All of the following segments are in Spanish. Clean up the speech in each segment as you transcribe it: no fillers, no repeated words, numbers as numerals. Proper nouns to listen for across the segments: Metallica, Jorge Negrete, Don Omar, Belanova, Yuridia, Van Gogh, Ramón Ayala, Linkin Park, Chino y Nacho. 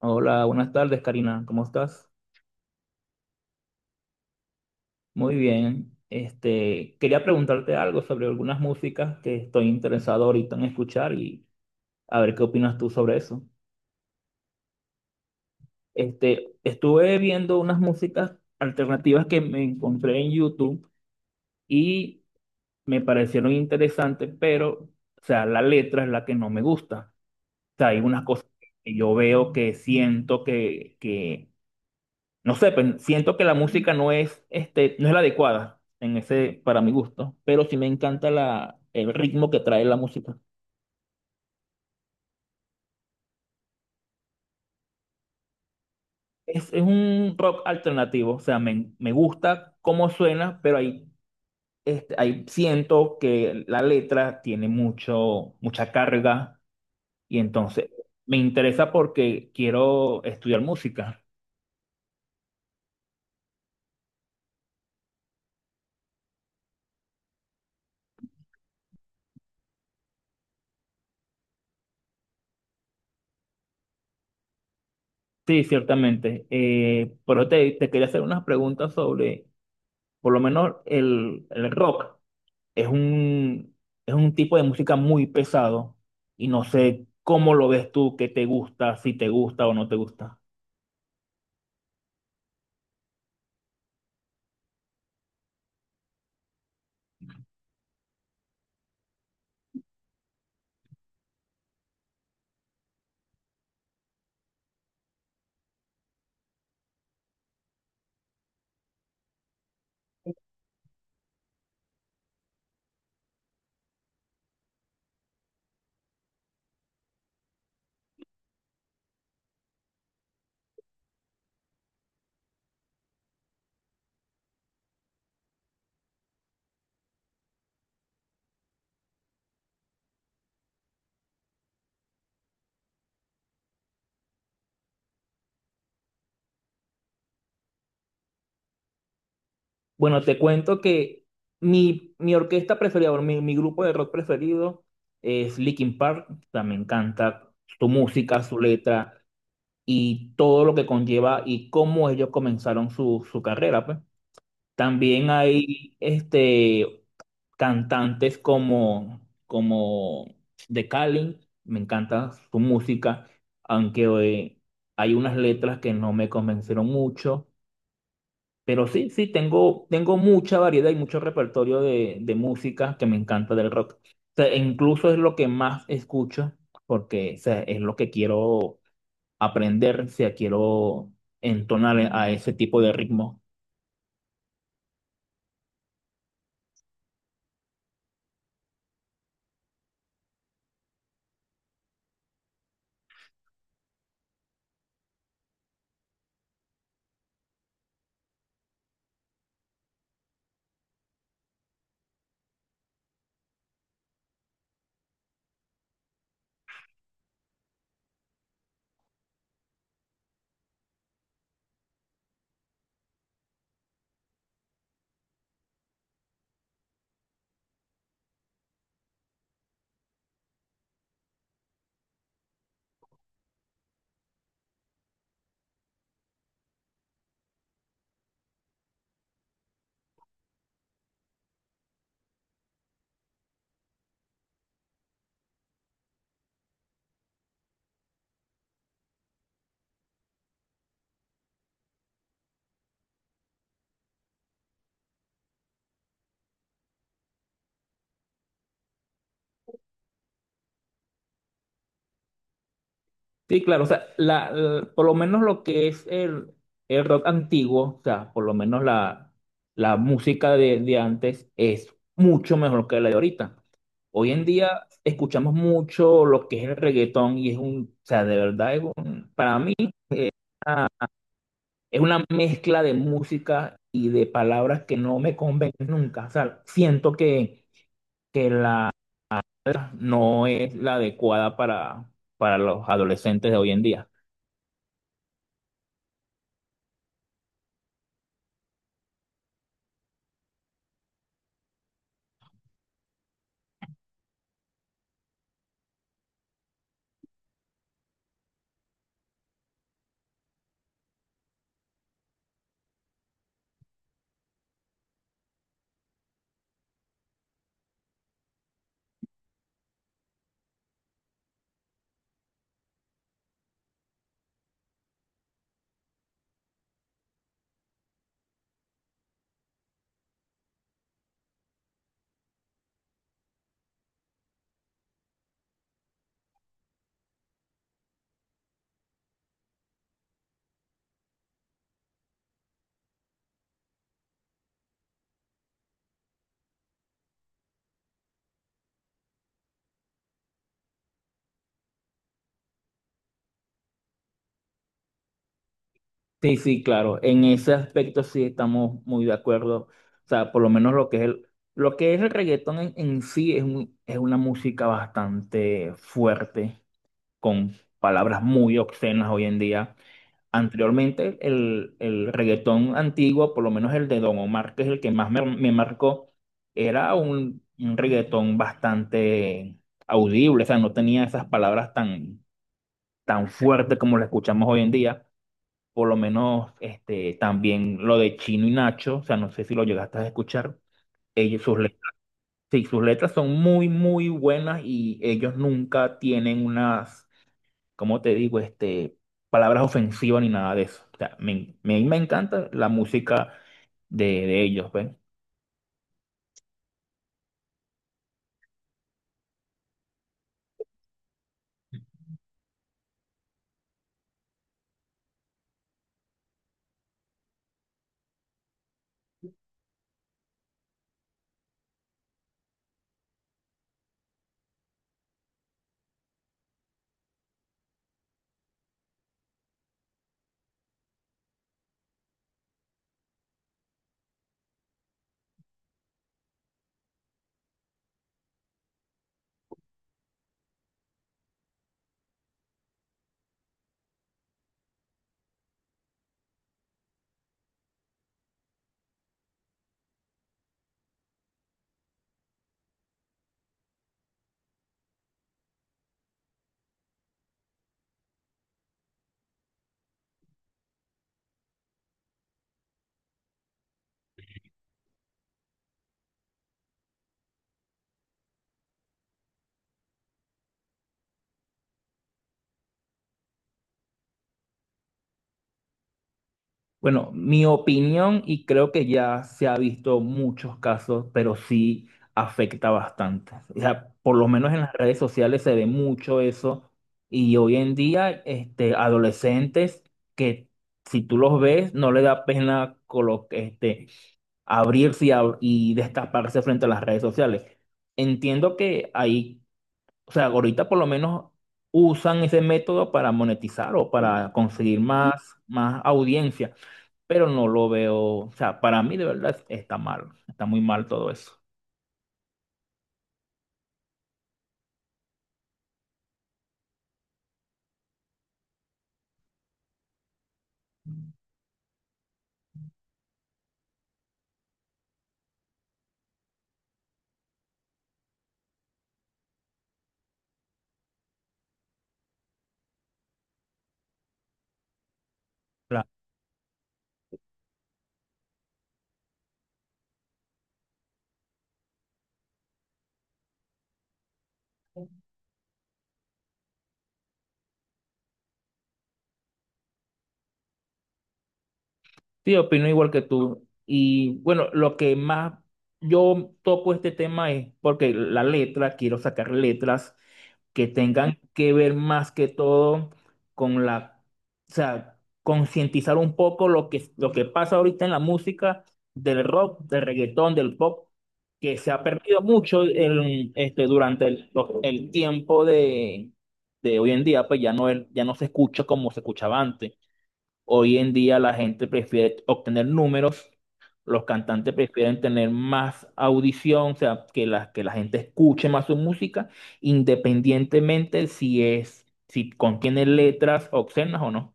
Hola, buenas tardes, Karina. ¿Cómo estás? Muy bien. Quería preguntarte algo sobre algunas músicas que estoy interesado ahorita en escuchar y a ver qué opinas tú sobre eso. Estuve viendo unas músicas alternativas que me encontré en YouTube y me parecieron interesantes, pero, o sea, la letra es la que no me gusta. O sea, hay unas cosas que yo veo que siento que No sé, pero siento que la música no es, no es la adecuada en ese, para mi gusto, pero sí me encanta la, el ritmo que trae la música. Es un rock alternativo, o sea, me gusta cómo suena, pero ahí, ahí siento que la letra tiene mucho, mucha carga y entonces me interesa porque quiero estudiar música. Sí, ciertamente. Pero te quería hacer unas preguntas sobre, por lo menos, el rock. es un, es un tipo de música muy pesado y no sé cómo lo ves tú, qué te gusta, si te gusta o no te gusta. Bueno, te cuento que mi orquesta preferida, o mi grupo de rock preferido es Linkin Park. O sea, me encanta su música, su letra y todo lo que conlleva y cómo ellos comenzaron su carrera, pues. También hay cantantes como de Cali, me encanta su música, aunque hay unas letras que no me convencieron mucho, pero sí, tengo mucha variedad y mucho repertorio de música que me encanta del rock. O sea, e incluso es lo que más escucho, porque o sea, es lo que quiero aprender, si quiero entonar a ese tipo de ritmo. Sí, claro, o sea, por lo menos lo que es el rock antiguo, o sea, por lo menos la música de antes es mucho mejor que la de ahorita. Hoy en día escuchamos mucho lo que es el reggaetón y es un, o sea, de verdad, para mí ah, es una mezcla de música y de palabras que no me convencen nunca. O sea, siento que la no es la adecuada para los adolescentes de hoy en día. Sí, sí, claro. En ese aspecto sí estamos muy de acuerdo. O sea, por lo menos lo que es lo que es el reggaetón en sí es una música bastante fuerte, con palabras muy obscenas hoy en día. Anteriormente, el reggaetón antiguo, por lo menos el de Don Omar, que es el que más me marcó, era un reggaetón bastante audible. O sea, no tenía esas palabras tan, tan fuertes como las escuchamos hoy en día por lo menos también lo de Chino y Nacho, o sea, no sé si lo llegaste a escuchar, ellos, sus letras, sí, sus letras son muy, muy buenas y ellos nunca tienen unas, ¿cómo te digo? Palabras ofensivas ni nada de eso. O sea, me encanta la música de ellos, ¿ves? Bueno, mi opinión, y creo que ya se ha visto muchos casos, pero sí afecta bastante. O sea, por lo menos en las redes sociales se ve mucho eso. Y hoy en día, adolescentes que si tú los ves, no le da pena abrirse y, y destaparse frente a las redes sociales. Entiendo que ahí, o sea, ahorita por lo menos usan ese método para monetizar o para conseguir más audiencia pero no lo veo, o sea, para mí de verdad está mal, está muy mal todo eso. Claro, sí, opino igual que tú. Y bueno, lo que más yo toco este tema es porque la letra, quiero sacar letras que tengan que ver más que todo con la, o sea, concientizar un poco lo que pasa ahorita en la música del rock, del reggaetón, del pop, que se ha perdido mucho durante el tiempo de hoy en día, pues ya no, ya no se escucha como se escuchaba antes. Hoy en día la gente prefiere obtener números los cantantes prefieren tener más audición, o sea, que la gente escuche más su música, independientemente si si contiene letras obscenas o no.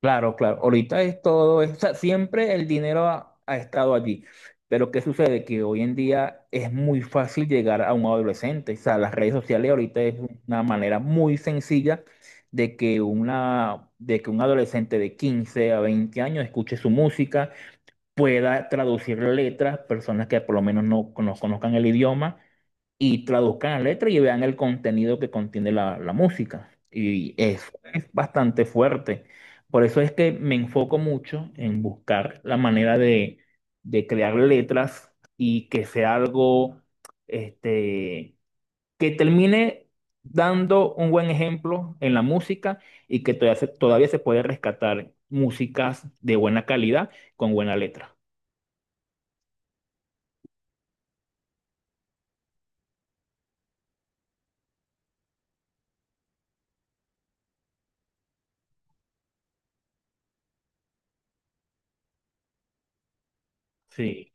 Claro, claro. Ahorita es todo, o sea, siempre el dinero ha estado allí. Pero ¿qué sucede? Que hoy en día es muy fácil llegar a un adolescente. O sea, las redes sociales ahorita es una manera muy sencilla de que un adolescente de 15 a 20 años escuche su música pueda traducir letras, personas que por lo menos no conozcan el idioma y traduzcan la letra y vean el contenido que contiene la música. Y eso es bastante fuerte. Por eso es que me enfoco mucho en buscar la manera de crear letras y que sea algo este, que termine dando un buen ejemplo en la música y que todavía se puede rescatar músicas de buena calidad con buena letra. Sí,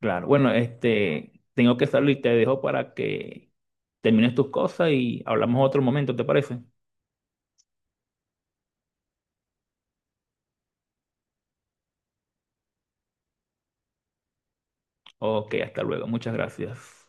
claro. Bueno, tengo que salir, y te dejo para que termines tus cosas y hablamos otro momento, ¿te parece? Ok, hasta luego. Muchas gracias.